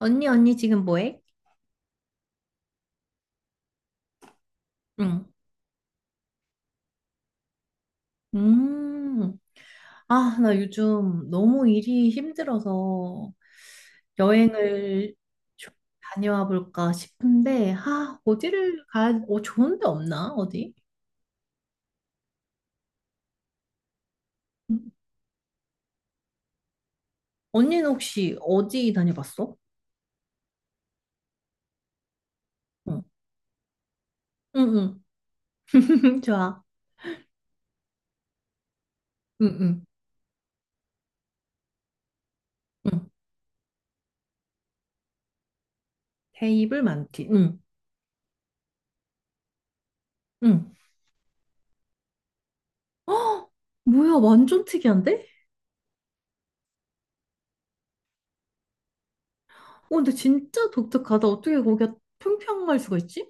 언니, 언니 지금 뭐해? 응. 음. 아, 나 요즘 너무 일이 힘들어서 여행을 좀 다녀와 볼까 싶은데, 아, 어디를 가야, 어, 좋은 데 없나? 어디? 음. 언니는 혹시 어디 다녀봤어? 응. 응, 응. 좋아. 응, 응. 응. 테이블 많티. 응. 응. 어, 뭐야, 완전 특이한데? 어, 근데 진짜 독특하다. 어떻게 거기가 평평할 수가 있지?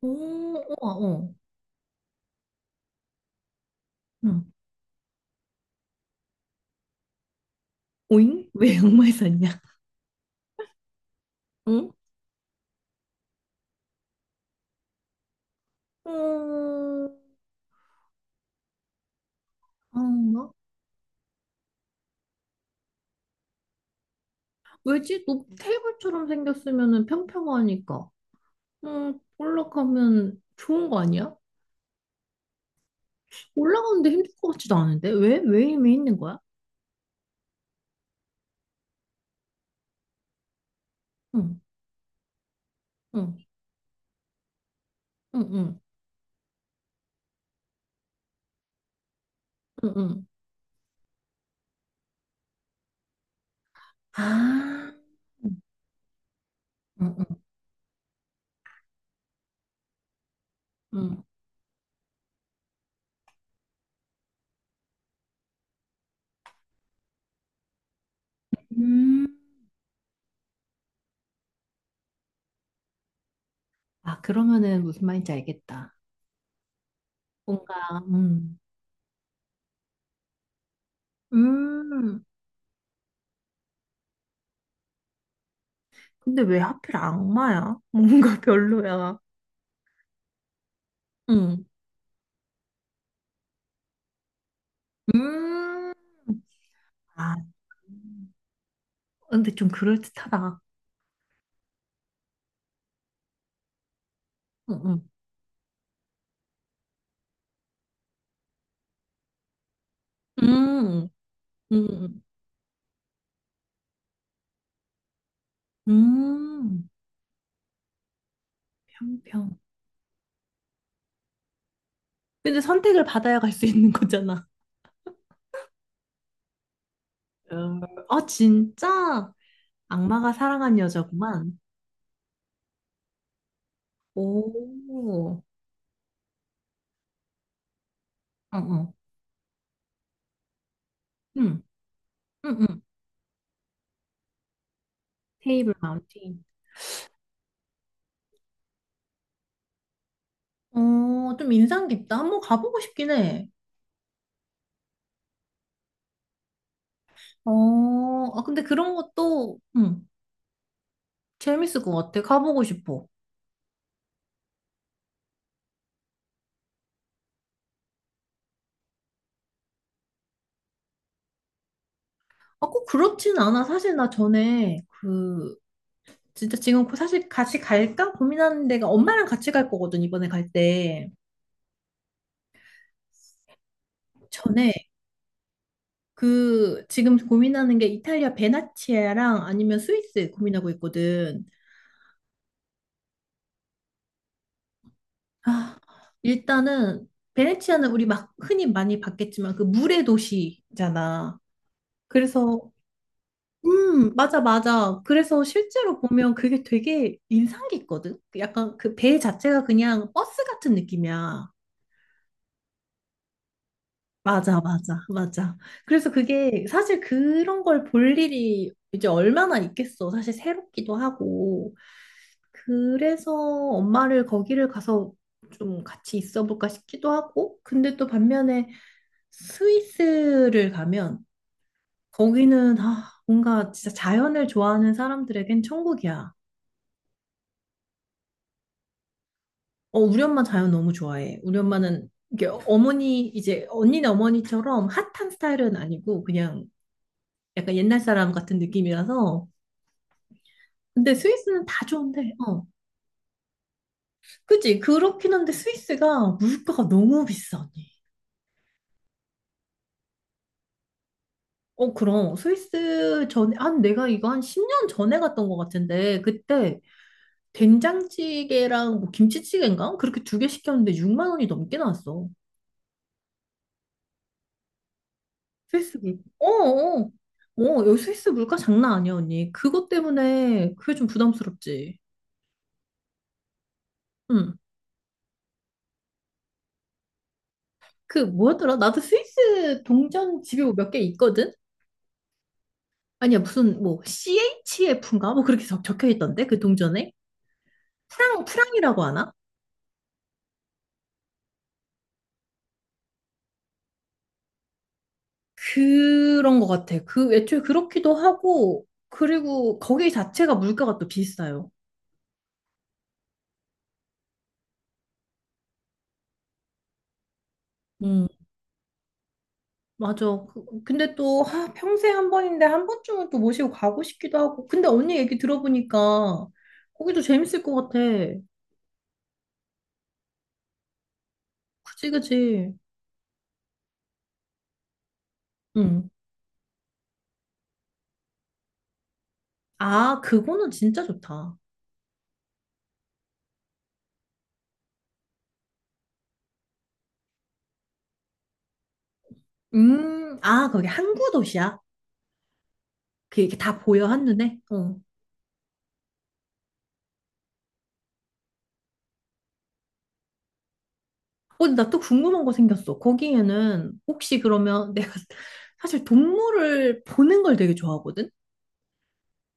오, 어. 어. 응. 오잉? 왜 양말 샀냐? 응? 음, 가 왜지? 높 테이블처럼 생겼으면은 평평하니까. 올라가면 좋은 거 아니야? 올라가는데 힘들 것 같지도 않은데? 왜? 왜 힘이 있는 거야? 응, 응, 응, 응, 응, 응. 아, 응, 응, 응. 음, 아, 그러면은 무슨 말인지 알겠다. 뭔가, 음, 음. 근데 왜 하필 악마야? 뭔가 별로야. 응, 음. 아, 근데 좀 그럴듯하다. 응, 응. 음, 음, 음, 평평. 근데 선택을 받아야 갈 수 있는 거잖아. 음. 어, 진짜? 악마가 사랑한 여자구만. 오, 어, 어. 응, 응, 응. 테이블 마운틴. 어, 좀 인상 깊다. 한번 가보고 싶긴 해. 어, 아, 근데 그런 것도, 응, 재밌을 것 같아. 가보고 싶어. 아, 꼭 그렇진 않아. 사실 나 전에 그 진짜 지금 사실 같이 갈까 고민하는 데가 엄마랑 같이 갈 거거든, 이번에 갈 때. 전에 그 지금 고민하는 게 이탈리아 베네치아랑 아니면 스위스 고민하고 있거든. 아, 일단은 베네치아는 우리 막 흔히 많이 봤겠지만 그 물의 도시잖아. 그래서 맞아, 맞아. 그래서 실제로 보면 그게 되게 인상 깊거든. 약간 그 배 자체가 그냥 버스 같은 느낌이야. 맞아, 맞아, 맞아. 그래서 그게 사실 그런 걸 볼 일이 이제 얼마나 있겠어. 사실 새롭기도 하고. 그래서 엄마를 거기를 가서 좀 같이 있어 볼까 싶기도 하고. 근데 또 반면에 스위스를 가면 거기는 아, 뭔가 진짜 자연을 좋아하는 사람들에겐 천국이야. 어, 우리 엄마 자연 너무 좋아해. 우리 엄마는 이게 어머니, 이제 언니네 어머니처럼 핫한 스타일은 아니고 그냥 약간 옛날 사람 같은 느낌이라서 근데 스위스는 다 좋은데, 어. 그치? 그렇긴 한데 스위스가 물가가 너무 비싸니. 어, 그럼. 스위스 전에, 한 내가 이거 한 10년 전에 갔던 것 같은데, 그때 된장찌개랑 뭐 김치찌개인가? 그렇게 두 개 시켰는데 6만 원이 넘게 나왔어. 스위스 물가. 어, 어. 어, 여기 스위스 물가 장난 아니야, 언니. 그것 때문에 그게 좀 부담스럽지. 응. 그 뭐였더라? 나도 스위스 동전 집에 뭐 몇개 있거든? 아니야, 무슨 뭐 CHF인가? 뭐 그렇게 적혀 있던데 그 동전에? 프랑 프랑이라고 하나? 그런 것 같아. 그 애초에 그렇기도 하고 그리고 거기 자체가 물가가 또 비싸요. 음. 맞아. 근데 또 아, 평생 한 번인데 한 번쯤은 또 모시고 가고 싶기도 하고. 근데 언니 얘기 들어보니까 거기도 재밌을 것 같아. 그치, 그치. 응. 아, 그거는 진짜 좋다. 아, 거기 항구 도시야? 그 이렇게 다 보여 한눈에? 어. 어, 나 또 궁금한 거 생겼어. 거기에는 혹시 그러면 내가 사실 동물을 보는 걸 되게 좋아하거든?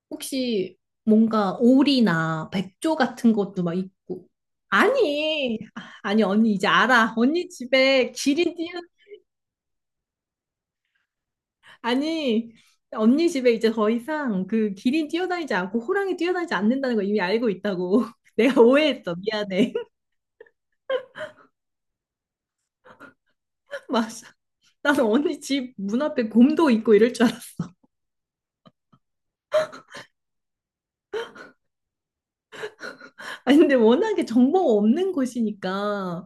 혹시 뭔가 오리나 백조 같은 것도 막 있고. 아니, 아, 아니, 언니 이제 알아. 언니 집에 기린 뛰어, 아니, 언니 집에 이제 더 이상 그 기린 뛰어다니지 않고 호랑이 뛰어다니지 않는다는 거 이미 알고 있다고. 내가 오해했어. 미안해. 맞아. 나는 언니 집 문 앞에 곰도 있고 이럴 줄 알았어. 아니, 근데 워낙에 정보가 없는 곳이니까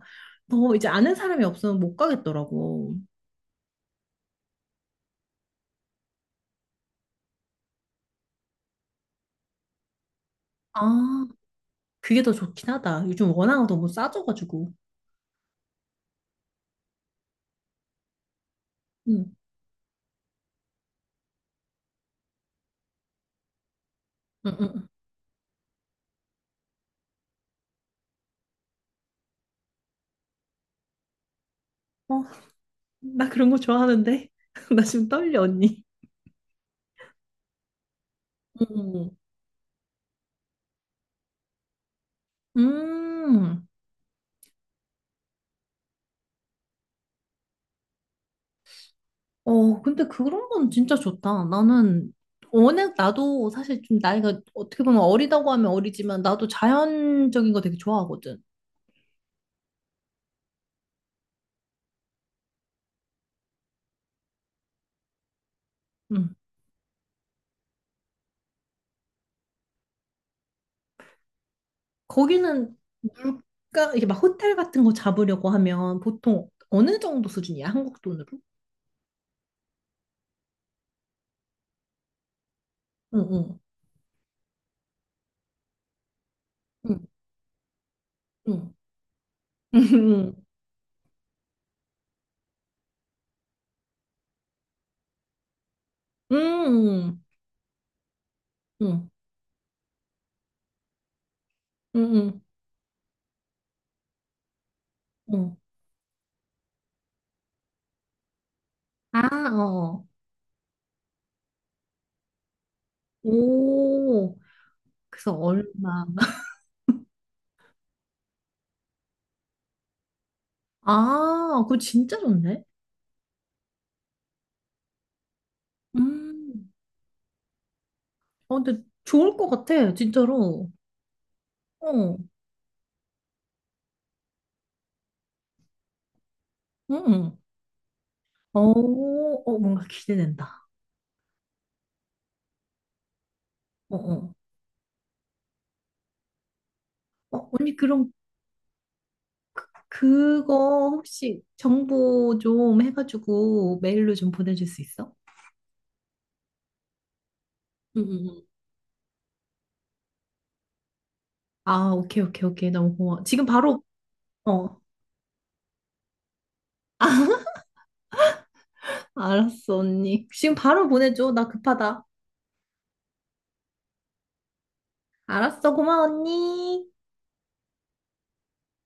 더 이제 아는 사람이 없으면 못 가겠더라고. 아, 그게 더 좋긴 하다. 요즘 워낙 너무 싸져가지고. 응. 응, 응, 어, 나 그런 거 좋아하는데. 나 지금 떨려, 언니. 응. 음, 어, 근데 그런 건 진짜 좋다. 나는, 워낙 나도 사실 좀 나이가 어떻게 보면 어리다고 하면 어리지만 나도 자연적인 거 되게 좋아하거든. 거기는 물가, 이게 막 호텔 같은 거 잡으려고 하면 보통 어느 정도 수준이야? 한국 돈으로? 응, 응, 응, 응, 응, 응, 응, 응, 응, 응. 아, 어. 오, 그래서 얼마. 아, 그거 진짜 좋네. 음. 어, 근데 좋을 것 같아, 진짜로. 어, 응, 응. 어, 어, 뭔가 기대된다. 어, 어. 어, 언니, 그럼 그거 혹시 정보 좀 해가지고 메일로 좀 보내줄 수 있어? 응, 응, 응. 아, 오케이, 오케이, 오케이. 너무 고마워. 지금 바로, 어, 알았어, 언니. 지금 바로 보내줘. 나 급하다. 알았어, 고마워, 언니.